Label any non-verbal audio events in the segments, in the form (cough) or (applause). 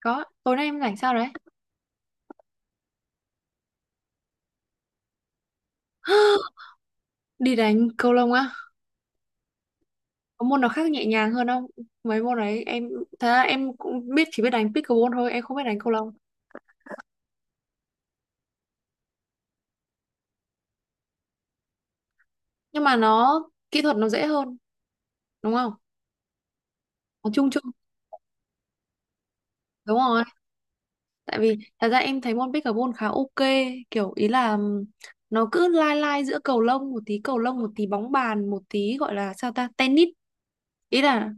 Có, tối nay em rảnh sao đấy? (gasps) Đi đánh cầu lông á? Có môn nào khác nhẹ nhàng hơn không? Mấy môn đấy em thật ra em cũng biết chỉ biết đánh pickleball thôi, em không biết đánh cầu lông. Nhưng mà kỹ thuật nó dễ hơn, đúng không? Nó chung chung. Đúng rồi. Tại vì thật ra em thấy môn pickleball khá ok, kiểu ý là nó cứ lai lai giữa cầu lông một tí, cầu lông một tí bóng bàn, một tí gọi là tennis. Ý là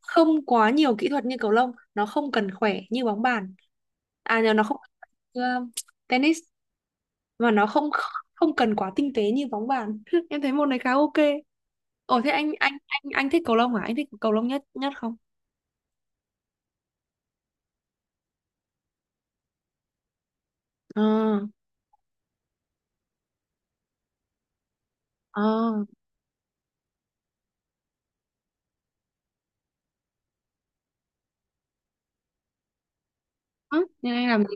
không quá nhiều kỹ thuật như cầu lông, nó không cần khỏe như bóng bàn. À nhờ nó không cần, tennis và nó không không cần quá tinh tế như bóng bàn. (laughs) Em thấy môn này khá ok. Ồ thế anh thích cầu lông hả? Anh thích cầu lông nhất nhất không? ờ ờ À, nên anh làm gì?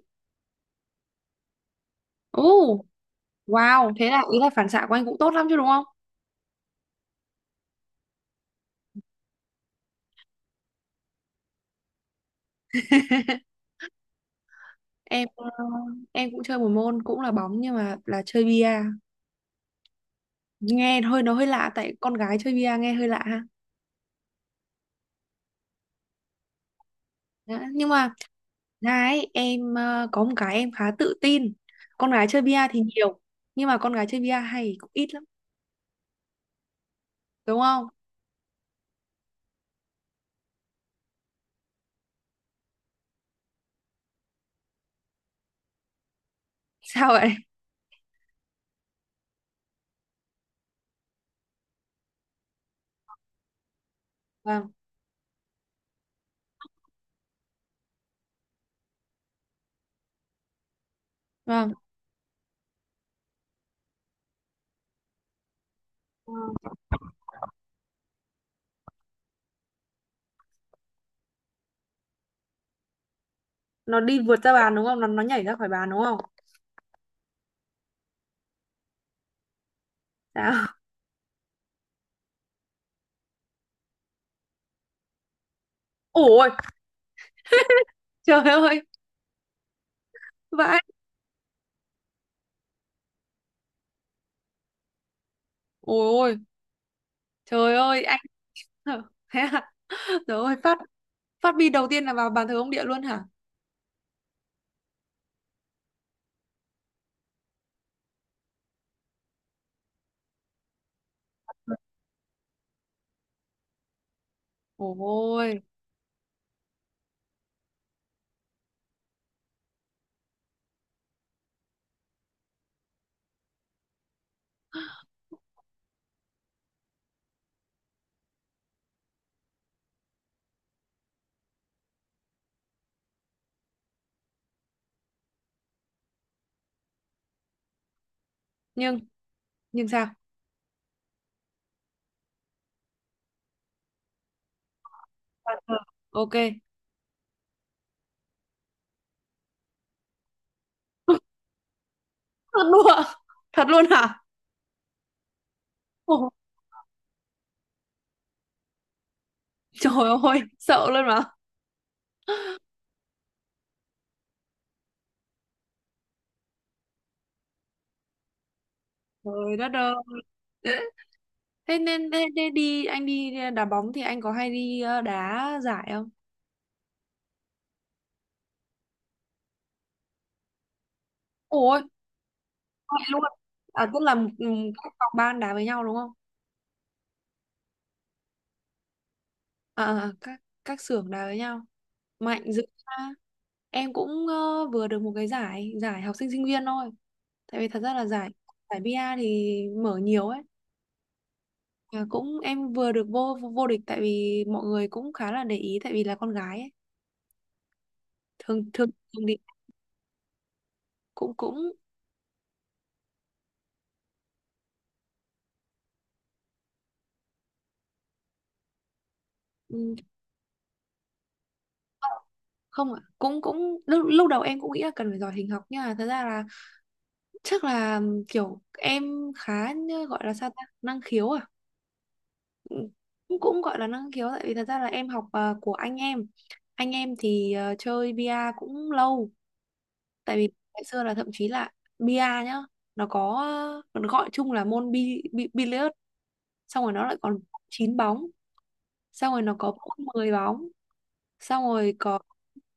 Ồ, wow, thế là ý là phản xạ của anh cũng tốt lắm chứ, đúng không? Em ờ, em cũng chơi một môn cũng là bóng nhưng mà là chơi bia. Nghe hơi lạ, tại con gái chơi bia nghe hơi lạ ha. Đó, nhưng mà có một cái em khá tự tin. Con gái chơi bia thì nhiều nhưng mà con gái chơi bia hay cũng ít lắm, đúng không? (laughs) Sao vậy? Vâng. Vâng. Ờ. Nó đi vượt ra bàn đúng không? Nó nhảy ra khỏi bàn đúng không? Sao? (laughs) Ôi, trời ơi, vãi. Ôi ôi, trời ơi, anh. (laughs) Thế à? Trời ơi, phát phát bi đầu tiên là vào bàn thờ ông địa luôn hả? Ôi, nhưng nhưng sao? Bàn thờ. Ok. (laughs) Thật luôn ạ? Thật luôn hả? Ôi, trời ơi, sợ luôn mà. Trời đất ơi. Thế đi, anh đi đá bóng thì anh có hay đi đá giải không? Ủa, vậy luôn à? Tức là, các phòng ban đá với nhau đúng không? À, à, các xưởng đá với nhau, mạnh dữ ha. Em cũng, vừa được một cái giải giải học sinh sinh viên thôi. Tại vì thật ra là giải giải BA thì mở nhiều ấy. À, cũng em vừa được vô vô địch tại vì mọi người cũng khá là để ý tại vì là con gái ấy. Thường thường thường thì cũng cũng ừm, không ạ, cũng cũng lúc đầu em cũng nghĩ là cần phải giỏi hình học nhưng mà thật ra là chắc là kiểu em khá như gọi là sao ta, năng khiếu à. Ừ, cũng cũng gọi là năng khiếu tại vì thật ra là em học, của anh em. Anh em thì, chơi bia cũng lâu. Tại vì ngày xưa là thậm chí là bia nhá, nó có, nó gọi chung là môn bi, bi, billiard. Xong rồi nó lại còn chín bóng, xong rồi nó có bóng 10 bóng, xong rồi có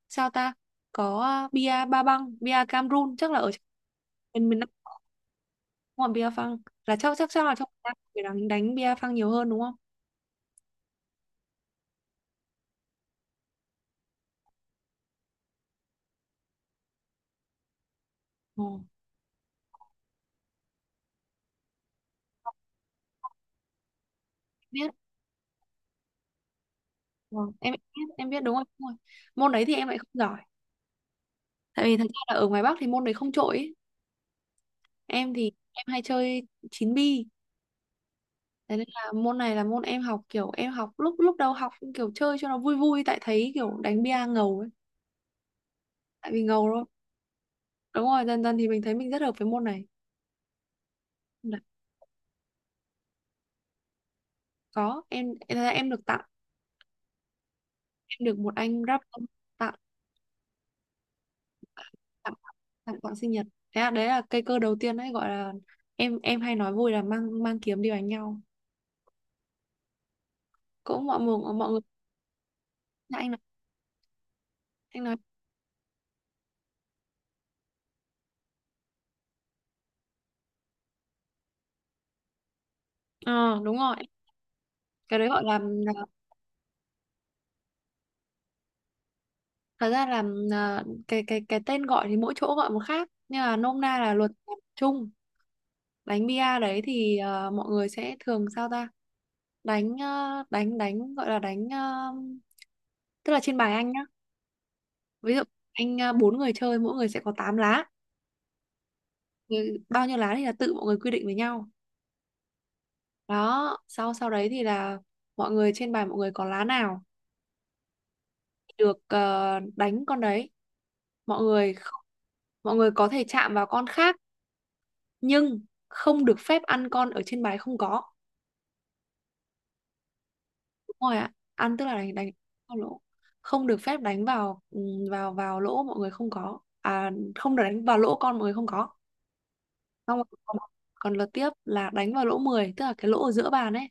sao ta, có bia ba băng, bia Cameroon chắc là ở miền miền Nam. Đúng rồi, bia phăng là chắc chắc chắc là trong Việt Nam phải đánh đánh bia phăng nhiều hơn đúng không? Ồ, biết. Ờ, em biết, em biết, đúng rồi, đúng rồi. Môn đấy thì em lại không giỏi. Tại vì thật ra là ở ngoài Bắc thì môn đấy không trội ấy. Em thì em hay chơi chín bi. Thế nên là môn này là môn em học kiểu em học lúc lúc đầu học kiểu chơi cho nó vui vui tại thấy kiểu đánh bia ngầu ấy. Tại vì ngầu thôi. Đúng rồi, dần dần thì mình thấy mình rất hợp với môn này. Là có, em được tặng, em được một anh rap tặng, tặng tặng quà sinh nhật. Đấy là, đấy là cây cơ đầu tiên, đấy gọi là em hay nói vui là mang mang kiếm đi đánh nhau. Cũng mọi người dạ, anh nói, anh nói. Ờ Đúng rồi, cái đấy gọi là- thật ra là cái cái tên gọi thì mỗi chỗ gọi một khác nhưng mà nôm na là luật chung. Đánh bia đấy thì, mọi người sẽ thường sao ta đánh, ờ, đánh đánh gọi là đánh, tức là trên bài anh nhá. Ví dụ anh, bốn người chơi mỗi người sẽ có 8 lá. Thì bao nhiêu lá thì là tự mọi người quy định với nhau. Đó, sau sau đấy thì là mọi người trên bàn, mọi người có lá nào được, đánh con đấy. Mọi người không- mọi người có thể chạm vào con khác nhưng không được phép ăn con ở trên bài không có. Đúng rồi ạ, ăn tức là đánh vào lỗ. Không được phép đánh vào, vào vào lỗ mọi người không có. À, không được đánh vào lỗ con mọi người không có. Xong rồi còn, còn lượt tiếp là đánh vào lỗ 10 tức là cái lỗ ở giữa bàn ấy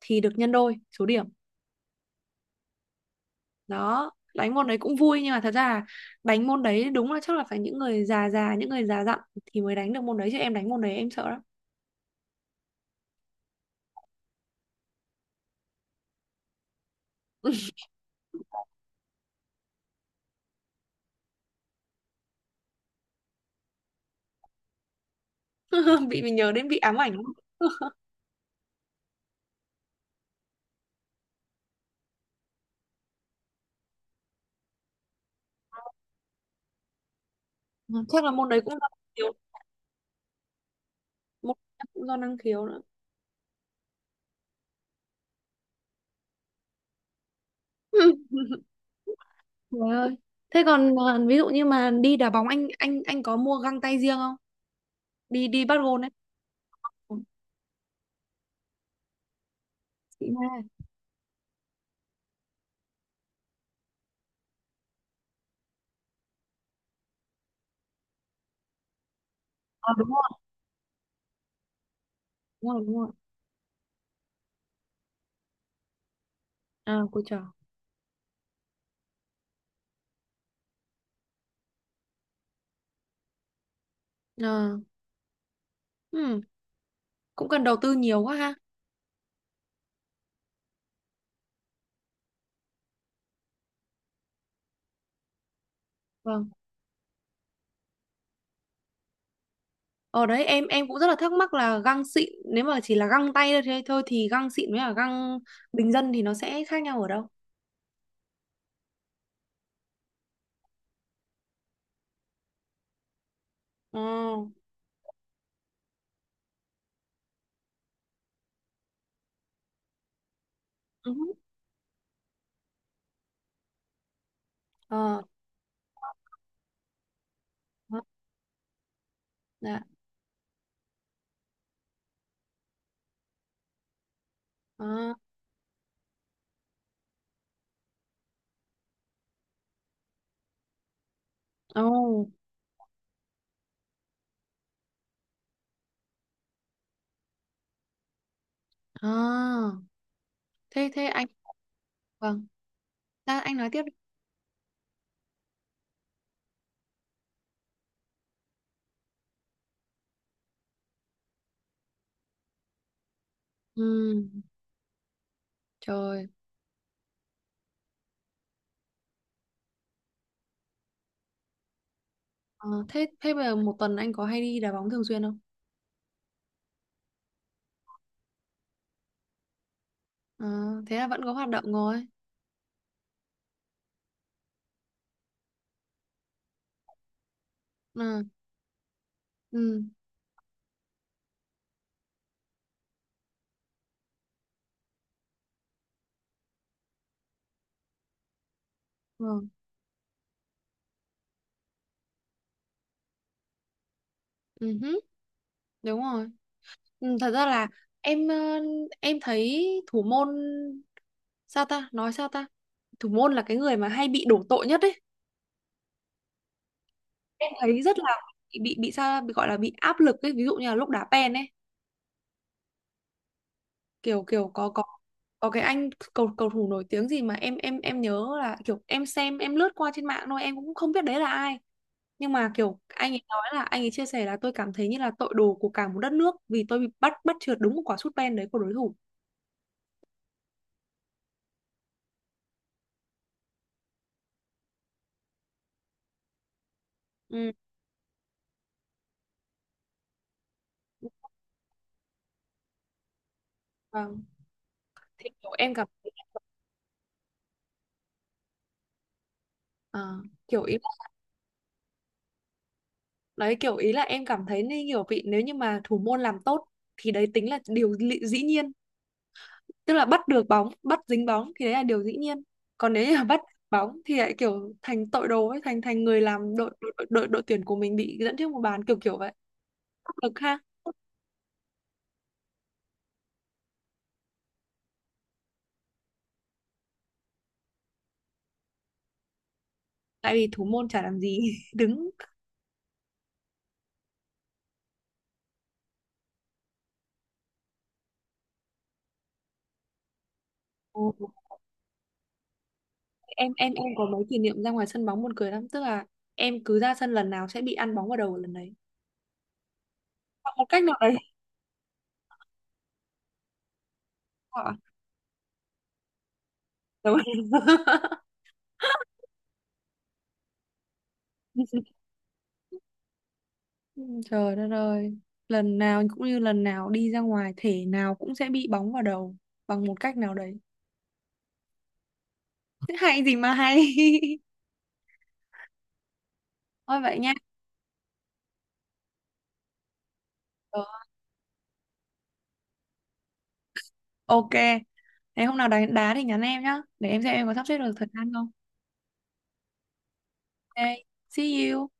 thì được nhân đôi số điểm. Đó, đánh môn đấy cũng vui nhưng mà thật ra là đánh môn đấy đúng là chắc là phải những người già già những người già dặn thì mới đánh được môn đấy, chứ em đánh môn đấy em sợ lắm. (laughs) Bị mình nhớ đến bị ám ảnh lắm. Chắc là môn đấy cũng do năng khiếu. Môn đấy cũng do năng khiếu nữa. (laughs) Trời ơi. Thế còn à, ví dụ như mà đi đá bóng anh có mua găng tay riêng không? Đi đi bắt gôn ấy. Ừ, chị Nga. À, đúng rồi đúng rồi. À, cô trò. Ờ. Ừ. Cũng cần đầu tư nhiều quá ha. Vâng. Ở đấy em cũng rất là thắc mắc là găng xịn, nếu mà chỉ là găng tay thôi thế thôi thì găng xịn với cả găng bình dân thì nó sẽ khác nhau ở đâu? Ờ. Ừ. Ờ. Đó, dạ. Ờ. Ồ. À. Thế thế anh, vâng, ra anh nói tiếp đi. Ừ. Trời. Ờ, thế thế bây giờ một tuần anh có hay đi đá bóng thường xuyên không? Ờ, thế là vẫn có hoạt động rồi. Ừ. Ừ. Vâng. Ừ. Hứ, đúng rồi. Ừ, thật ra là em, em thấy thủ môn sao ta, nói sao ta, thủ môn là cái người mà hay bị đổ tội nhất ấy. Em thấy rất là bị sao, bị gọi là bị áp lực ấy, ví dụ như là lúc đá pen ấy. Kiểu kiểu có có cái anh cầu cầu thủ nổi tiếng gì mà em nhớ là kiểu em xem, em lướt qua trên mạng thôi, em cũng không biết đấy là ai nhưng mà kiểu anh ấy nói là anh ấy chia sẻ là tôi cảm thấy như là tội đồ của cả một đất nước vì tôi bị bắt bắt trượt đúng một quả sút pen đấy của đối thủ. Ừ. Vâng. Thì kiểu em cảm thấy à, kiểu ý. Đấy kiểu ý là em cảm thấy như kiểu vị nếu như mà thủ môn làm tốt thì đấy tính là điều lị- dĩ nhiên. Tức là bắt được bóng, bắt dính bóng thì đấy là điều dĩ nhiên. Còn nếu như mà bắt bóng thì lại kiểu thành tội đồ ấy, thành thành người làm đội tuyển của mình bị dẫn trước một bàn kiểu kiểu vậy. Áp lực ha. Tại vì thủ môn chả làm gì. (laughs) Đứng. Ồ, em có mấy kỷ niệm ra ngoài sân bóng buồn cười lắm, tức là em cứ ra sân lần nào sẽ bị ăn bóng vào đầu lần đấy. Hoặc một cách nào đấy. Ờ, đúng. (laughs) Ừ, trời đất ơi, lần nào cũng như lần nào đi ra ngoài thể nào cũng sẽ bị bóng vào đầu bằng một cách nào đấy. Thế hay gì mà hay. (laughs) Thôi vậy nha. Ờ, ok, thế hôm nào đánh đá thì nhắn em nhá, để em xem em có sắp xếp được thời gian không. Ok, see you.